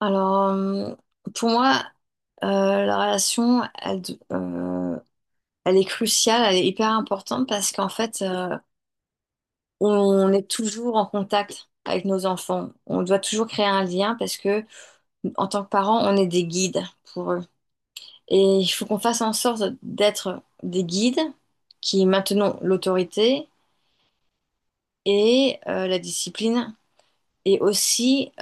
Alors, euh, pour moi, la relation, elle est cruciale, elle est hyper importante parce qu'en fait, on est toujours en contact avec nos enfants. On doit toujours créer un lien parce que, en tant que parents, on est des guides pour eux. Et il faut qu'on fasse en sorte d'être des guides qui maintenons l'autorité et la discipline et aussi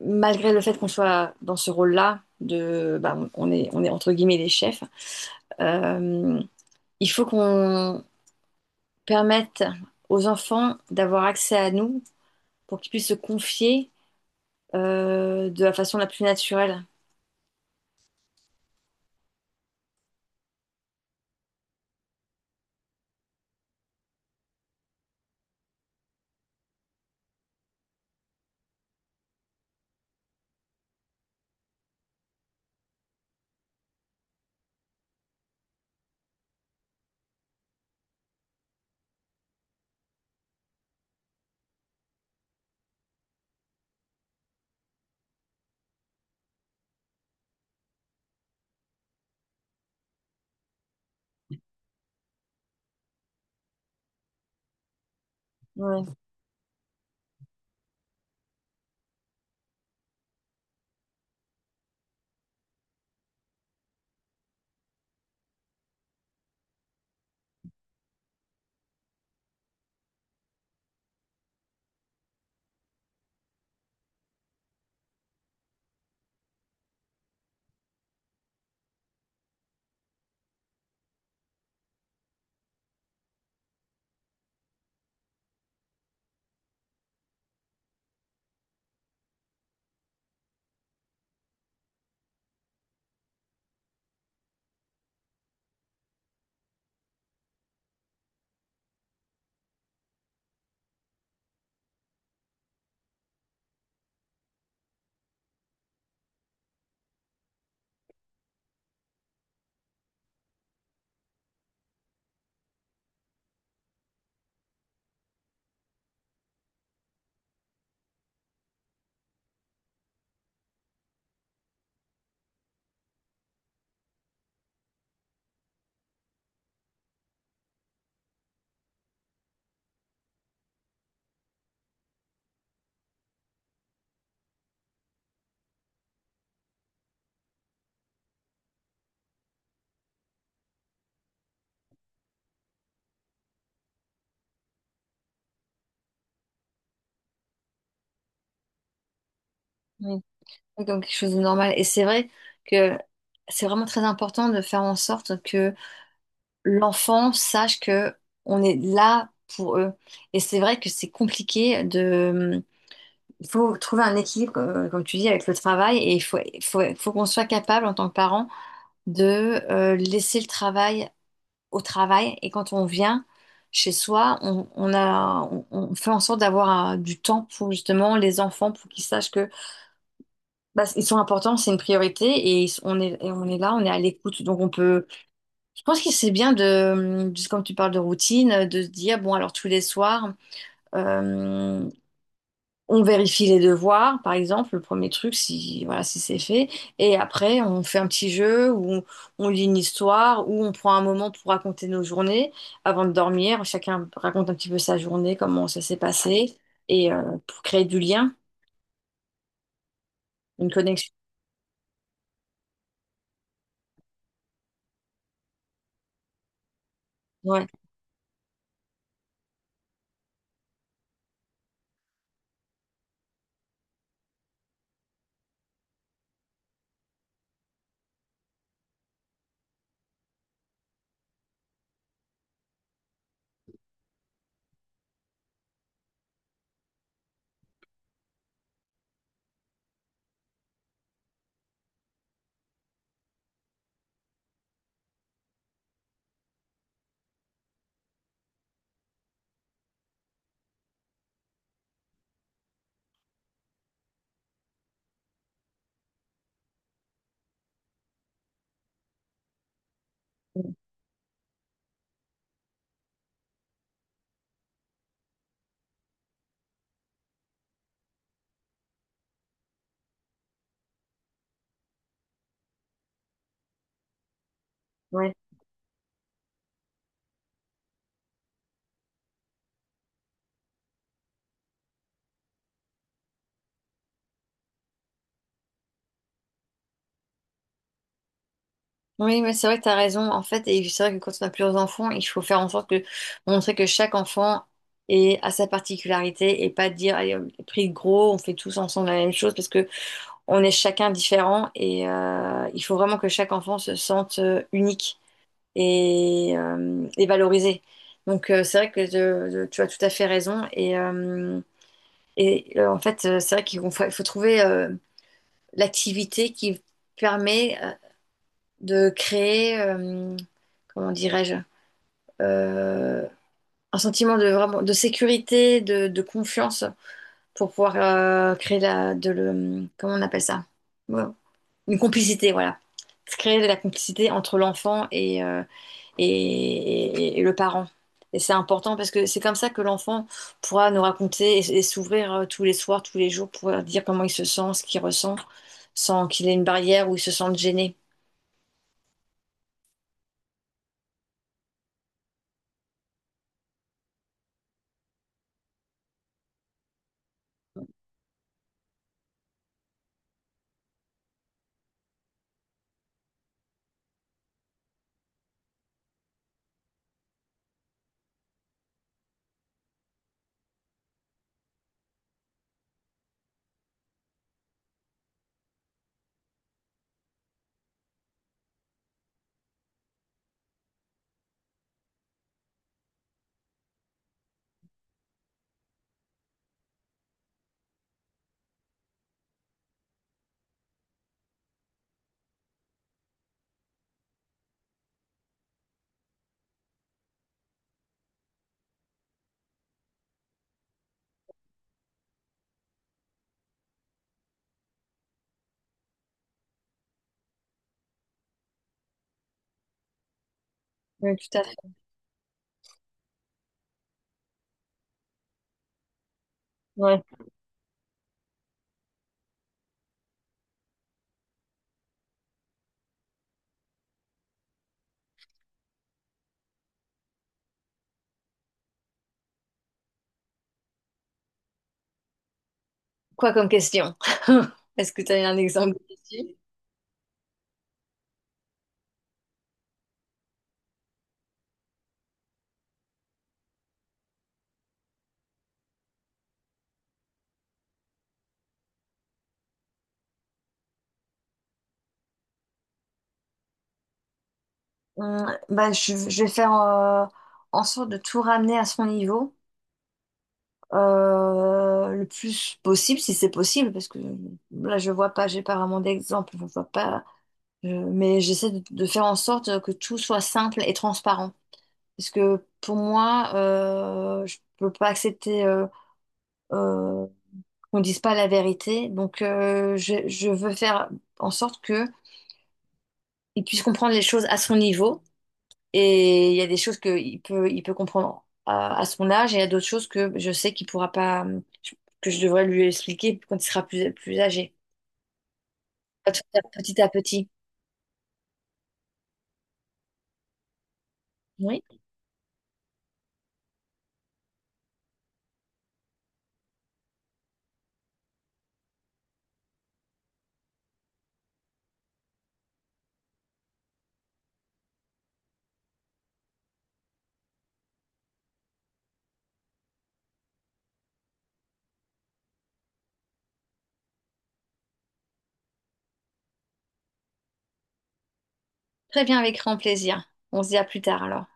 malgré le fait qu'on soit dans ce rôle-là, de, bah, on est entre guillemets des chefs, euh, il faut qu'on permette aux enfants d'avoir accès à nous pour qu'ils puissent se confier de la façon la plus naturelle. Ouais, oui. Oui, comme quelque chose de normal. Et c'est vrai que c'est vraiment très important de faire en sorte que l'enfant sache que on est là pour eux. Et c'est vrai que c'est compliqué de il faut trouver un équilibre, comme tu dis, avec le travail et il faut qu'on soit capable en tant que parent de laisser le travail au travail et quand on vient chez soi, on fait en sorte d'avoir du temps pour justement les enfants, pour qu'ils sachent que bah, ils sont importants, c'est une priorité et ils sont- on est, et on est là, on est à l'écoute. Donc je pense que c'est bien de, comme tu parles de routine, de se dire, bon alors tous les soirs. euh, On vérifie les devoirs, par exemple, le premier truc, si voilà, si c'est fait. Et après, on fait un petit jeu on lit une histoire, où on prend un moment pour raconter nos journées avant de dormir. Chacun raconte un petit peu sa journée, comment ça s'est passé, pour créer du lien, une connexion. Ouais, ouais. Oui, mais c'est vrai que tu as raison. En fait, et c'est vrai que quand on a plusieurs enfants, il faut faire en sorte que montrer que chaque enfant est à sa particularité et pas dire, allez, on est pris de gros, on fait tous ensemble la même chose parce que on est chacun différent et il faut vraiment que chaque enfant se sente unique et valorisé. Donc, c'est vrai que tu as tout à fait raison et en fait C'est vrai qu'il faut trouver l'activité qui permet de créer, comment dirais-je, euh, un sentiment de, vraiment, de sécurité, de confiance pour pouvoir créer la, de le, comment on appelle ça? Ouais, une complicité, voilà. Se créer de la complicité entre l'enfant et le parent. Et c'est important parce que c'est comme ça que l'enfant pourra nous raconter et s'ouvrir tous les soirs, tous les jours, pour dire comment il se sent, ce qu'il ressent, sans qu'il ait une barrière ou il se sente gêné. Oui, tout à fait. Ouais. Quoi comme question? Est-ce que tu as un exemple de question? Je vais faire en sorte de tout ramener à son niveau. Le plus possible, si c'est possible, parce que là, je vois pas, j'ai pas vraiment d'exemple, je vois pas, je- mais j'essaie de faire en sorte que tout soit simple et transparent. Parce que pour moi, je peux pas accepter euh, qu'on dise pas la vérité, donc je veux faire en sorte que il puisse comprendre les choses à son niveau et il y a des choses qu'il peut comprendre à son âge, et il y a d'autres choses que je sais qu'il pourra pas, que je devrais lui expliquer quand il sera plus âgé. Ça va petit à petit. Oui. Très bien, avec grand plaisir. On se dit à plus tard alors.